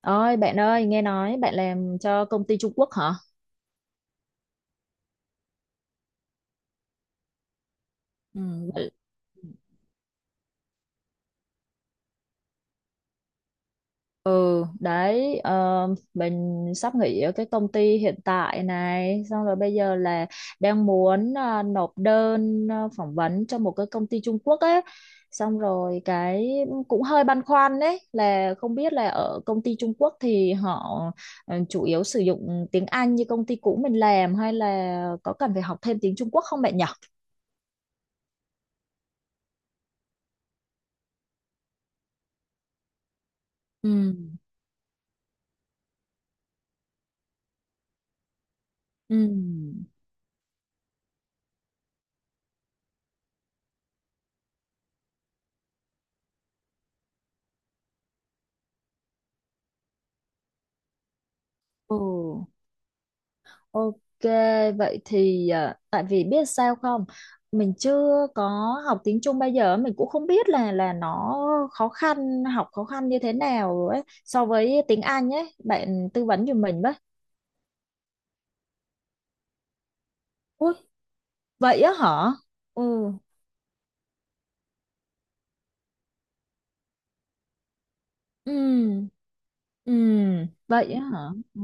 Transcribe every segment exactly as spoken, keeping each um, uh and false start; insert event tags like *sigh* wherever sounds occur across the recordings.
Ôi bạn ơi, nghe nói bạn làm cho công ty Trung Quốc hả? Ừ. Ừ. Ừ, đấy, ờ, mình sắp nghỉ ở cái công ty hiện tại này, xong rồi bây giờ là đang muốn ờ, nộp đơn ờ, phỏng vấn cho một cái công ty Trung Quốc ấy. Xong rồi cái cũng hơi băn khoăn, đấy là không biết là ở công ty Trung Quốc thì họ ờ, chủ yếu sử dụng tiếng Anh như công ty cũ mình làm hay là có cần phải học thêm tiếng Trung Quốc không bạn nhỉ? Ừ. Ừ. Ừ. Ok, vậy thì à, tại vì biết sao không, mình chưa có học tiếng Trung bao giờ, mình cũng không biết là là nó khó khăn, học khó khăn như thế nào ấy so với tiếng Anh ấy, bạn tư vấn giùm mình với. Ui, vậy á hả? Ừ. Ừ. Ừ, vậy á hả? Ừ.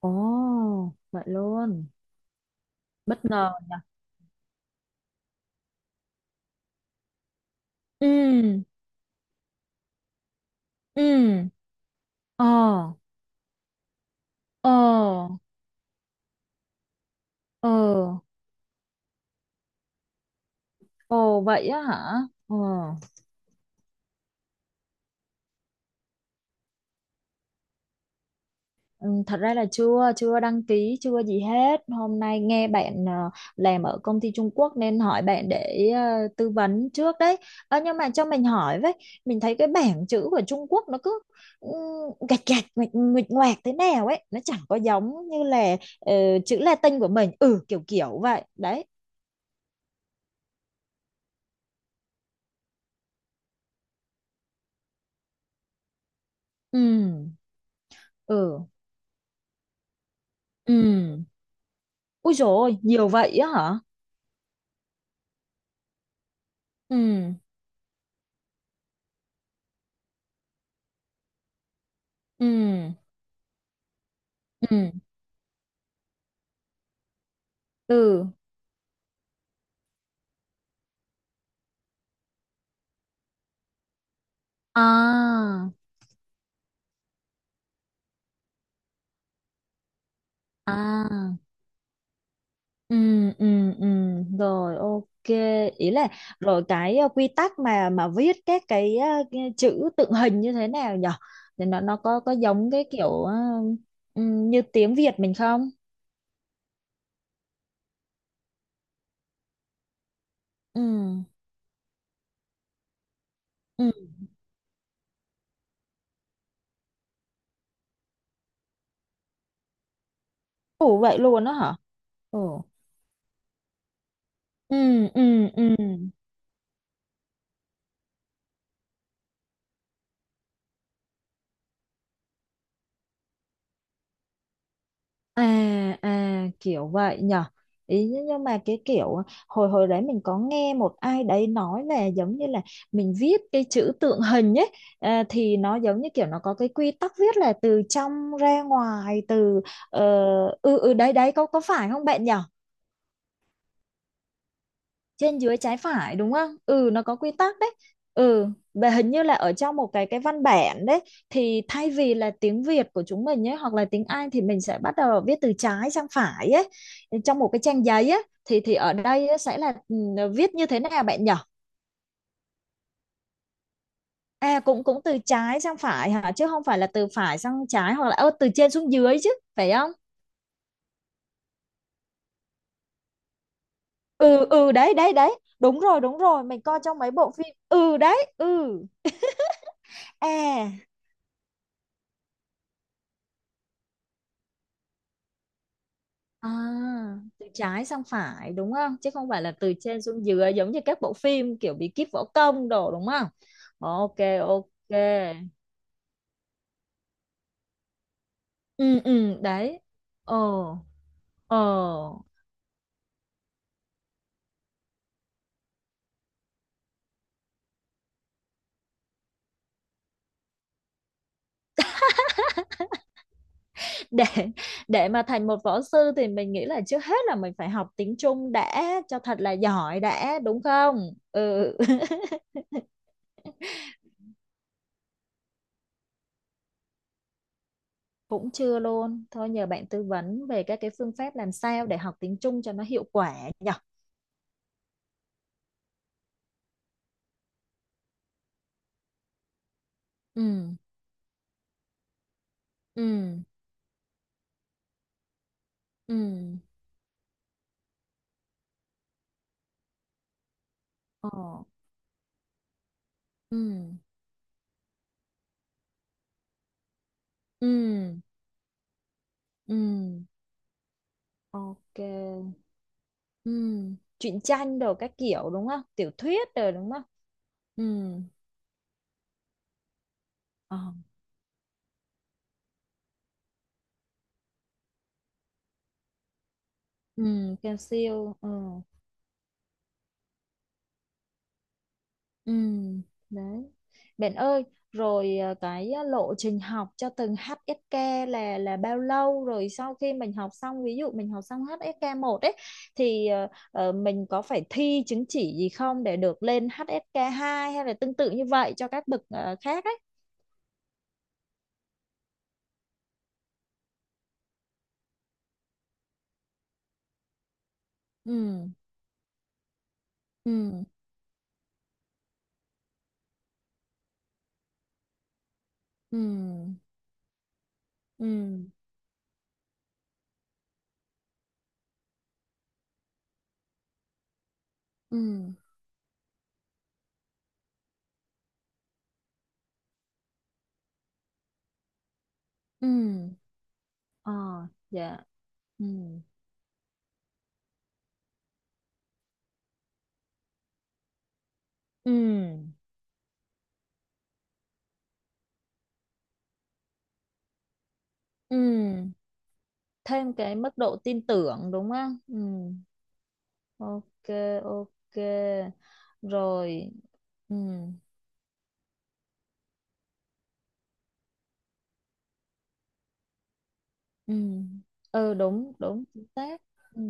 Ồ, vậy luôn. Bất ngờ. Ừ. Ừ. Ờ. Ờ. Ờ. Ồ, vậy á hả? Ờ. Ừ, thật ra là chưa chưa đăng ký chưa gì hết, hôm nay nghe bạn ờ, làm ở công ty Trung Quốc nên hỏi bạn để ờ, tư vấn trước đấy. Ờ, nhưng mà cho mình hỏi với, mình thấy cái bảng chữ của Trung Quốc nó cứ ừ, gạch gạch nguệch nguệch ngoạc thế nào ấy, nó chẳng có giống như là ờ, chữ Latin của mình, ừ, kiểu kiểu vậy đấy. Ừ. Ừ. Ừ. Ui dồi ôi, nhiều vậy á hả. Ừ. Ừ. Ừ. Ừ. À, à. Ừ, ừ, ừ, rồi ok, ý là rồi cái ờ, quy tắc mà mà viết các cái, ờ, cái chữ tượng hình như thế nào nhở, thì nó nó có có giống cái kiểu ờ, ừ, như tiếng Việt mình không? Ừ. Ừ. Ủa vậy luôn đó hả? Ừ. Ừ. Ừ. Ừ. À, à kiểu vậy nhở, ý nhưng nhưng mà cái kiểu à, hồi hồi đấy mình có nghe một ai đấy nói là giống như là mình viết cái chữ tượng hình ấy à, thì nó giống như kiểu nó có cái quy tắc viết là từ trong ra ngoài, từ ờ, ừ, ừ, đấy đấy có có phải không bạn nhỉ? Trên dưới trái phải đúng không? Ừ, nó có quy tắc đấy. Ừ. Và hình như là ở trong một cái cái văn bản đấy thì thay vì là tiếng Việt của chúng mình ấy hoặc là tiếng Anh thì mình sẽ bắt đầu viết từ trái sang phải ấy, trong một cái trang giấy ấy, thì thì ở đây á, sẽ là ừ, viết như thế nào bạn nhỉ? À, cũng cũng từ trái sang phải hả, chứ không phải là từ phải sang trái hoặc là ơ, từ trên xuống dưới chứ, phải không? Ừ, ừ, đấy đấy đấy, đúng rồi đúng rồi, mình coi trong mấy bộ phim. Ừ, đấy, ừ. À. À, từ trái sang phải đúng không? Chứ không phải là từ trên xuống dưới giống như các bộ phim kiểu bí kíp võ công đồ đúng không? Ok, ok. Ừ, ừ, đấy. Ồ, ồ. *laughs* Để để mà thành một võ sư thì mình nghĩ là trước hết là mình phải học tiếng Trung đã cho thật là giỏi đã, đúng không? Ừ. *laughs* Cũng chưa luôn. Thôi nhờ bạn tư vấn về các cái phương pháp làm sao để học tiếng Trung cho nó hiệu quả nhỉ? Ừ, ừ, ừ. Ồ, ừ. Ừ, ừ. Ok. Ừ, truyện tranh đồ các kiểu đúng không, tiểu thuyết rồi đúng không? Ừ. Ờ. Ừ, cao siêu, ừ. Ừ, đấy bạn ơi, rồi à, cái à, lộ trình học cho từng hát ét ca là là bao lâu, rồi sau khi mình học xong, ví dụ mình học xong hát ét ca một ấy, thì à, ờ, mình có phải thi chứng chỉ gì không để được lên hát ét ca hai hay là tương tự như vậy cho các bậc à, khác ấy. Ừ. Ừ. Ừ. Ừ. Ừ. Ừ. Ờ. Dạ. Ừ. Ừ. Ừ. Thêm cái mức độ tin tưởng đúng không? Ừ. Ok. Ok. Rồi. Ừ. Ừ. Ừ, đúng đúng, chính xác. Ừ.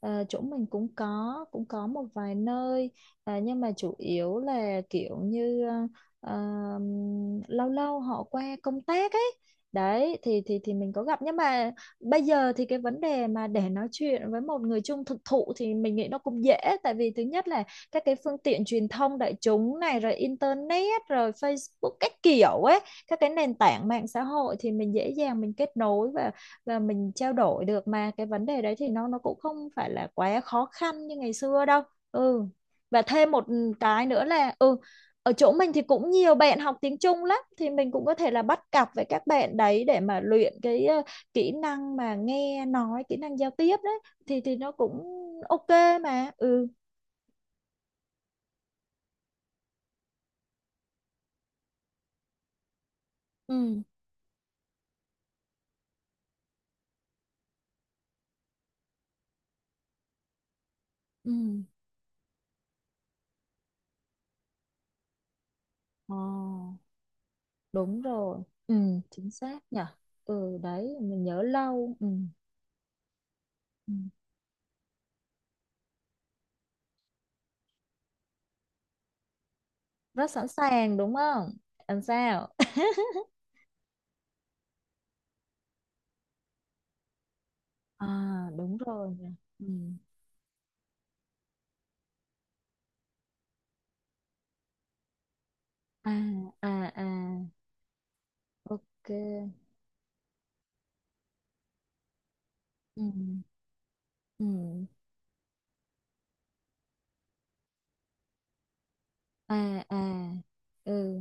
Ờ, chỗ mình cũng có, cũng có một vài nơi, ờ, nhưng mà chủ yếu là kiểu như ờ, ờm, lâu lâu họ qua công tác ấy, đấy thì thì thì mình có gặp, nhưng mà bây giờ thì cái vấn đề mà để nói chuyện với một người chung thực thụ thì mình nghĩ nó cũng dễ, tại vì thứ nhất là các cái phương tiện truyền thông đại chúng này rồi internet rồi Facebook các kiểu ấy, các cái nền tảng mạng xã hội thì mình dễ dàng mình kết nối và và mình trao đổi được, mà cái vấn đề đấy thì nó nó cũng không phải là quá khó khăn như ngày xưa đâu. Ừ. Và thêm một cái nữa là ừ, ở chỗ mình thì cũng nhiều bạn học tiếng Trung lắm thì mình cũng có thể là bắt cặp với các bạn đấy để mà luyện cái ờ, kỹ năng mà nghe nói, kỹ năng giao tiếp đấy, thì thì nó cũng ok mà ừ. Ừ. Ừ. Ồ, đúng rồi. Ừ, chính xác nhở. Ừ, đấy mình nhớ lâu, ừ. Ừ. Rất sẵn sàng đúng không, làm sao? À, đúng rồi nhỉ. Ừ. À, à. À, ok. Ừ. Ừ. À, à. Ừ.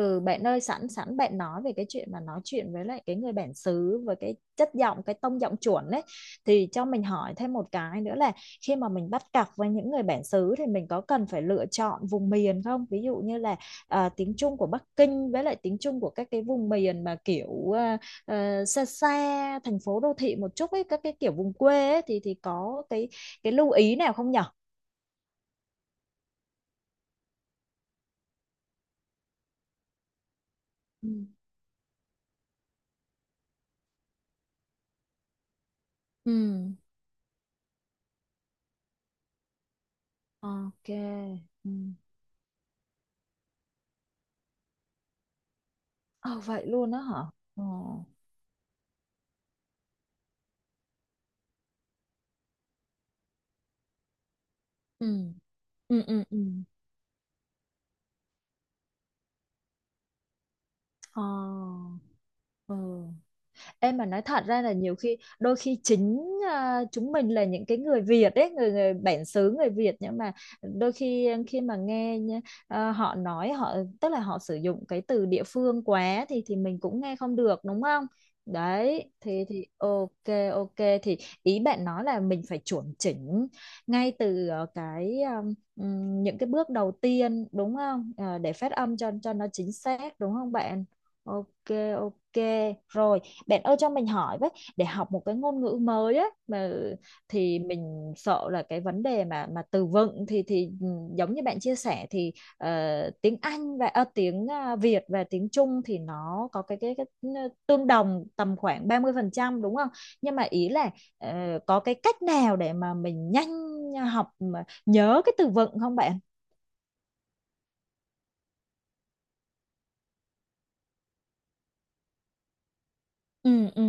Ừ, bạn ơi, sẵn sẵn bạn nói về cái chuyện mà nói chuyện với lại cái người bản xứ với cái chất giọng cái tông giọng chuẩn đấy, thì cho mình hỏi thêm một cái nữa là khi mà mình bắt cặp với những người bản xứ thì mình có cần phải lựa chọn vùng miền không? Ví dụ như là à, tiếng Trung của Bắc Kinh với lại tiếng Trung của các cái vùng miền mà kiểu à, à, xa xa thành phố đô thị một chút ấy, các cái kiểu vùng quê ấy, thì thì có cái cái lưu ý nào không nhở? Ừ. Ừ. Ok. Ừ. Ờ, vậy luôn đó hả? Ờ. Ừ, ừ, ừ, ừ, ờ, ừ. Em mà nói thật ra là nhiều khi đôi khi chính à, chúng mình là những cái người Việt ấy, người người bản xứ người Việt, nhưng mà đôi khi ờ, khi mà nghe nhá, à, họ nói họ tức là họ sử dụng cái từ địa phương quá thì thì mình cũng nghe không được đúng không? Đấy, thì thì ok, ok, thì ý bạn nói là mình phải chuẩn chỉnh ngay từ ờ, cái um, ừm, những cái bước đầu tiên đúng không? Ờ, để phát âm cho cho nó chính xác đúng không bạn? Ok, ok. Rồi, bạn ơi cho mình hỏi với, để học một cái ngôn ngữ mới á mà thì mình sợ là cái vấn đề mà mà từ vựng thì thì ừ, giống như bạn chia sẻ thì ờ, tiếng Anh và ờ, tiếng à, Việt và tiếng Trung thì nó có cái cái, cái ừ, tương đồng tầm khoảng ba mươi phần trăm đúng không? Nhưng mà ý là ờ, có cái cách nào để mà mình nhanh học mà nhớ cái từ vựng không bạn? Ừ. Ừ.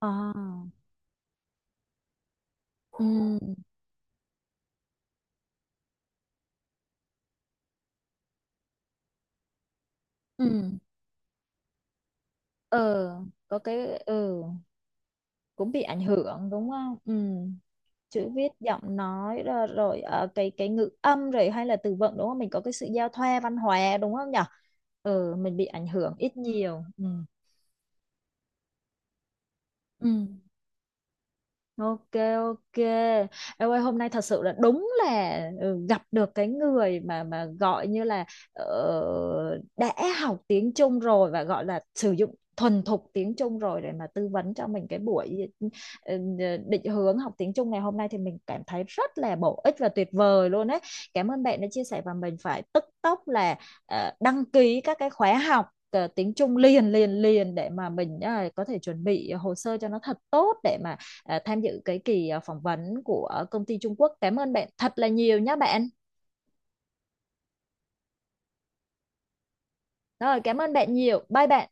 À, ừ. Ừ. Ờ, có cái ừ, cũng bị ảnh hưởng đúng không, ừ, chữ viết giọng nói rồi, rồi ờ, cái cái ngữ âm rồi hay là từ vựng đúng không, mình có cái sự giao thoa văn hóa đúng không nhở, ừ, mình bị ảnh hưởng ít nhiều, ừ. Ừ. Ok, ok. Em ơi hôm nay thật sự là đúng là ừ, gặp được cái người mà mà gọi như là ờ, đã học tiếng Trung rồi và gọi là sử dụng thuần thục tiếng Trung rồi để mà tư vấn cho mình cái buổi ừ, ờ, định hướng học tiếng Trung ngày hôm nay, thì mình cảm thấy rất là bổ ích và tuyệt vời luôn ấy. Cảm ơn bạn đã chia sẻ và mình phải tức tốc là ờ, đăng ký các cái khóa học ờ, tiếng Trung liền liền liền để mà mình ờ, có thể chuẩn bị hồ sơ cho nó thật tốt để mà à, tham dự cái kỳ à, phỏng vấn của công ty Trung Quốc. Cảm ơn bạn thật là nhiều nhé bạn. Rồi, cảm ơn bạn nhiều. Bye bạn.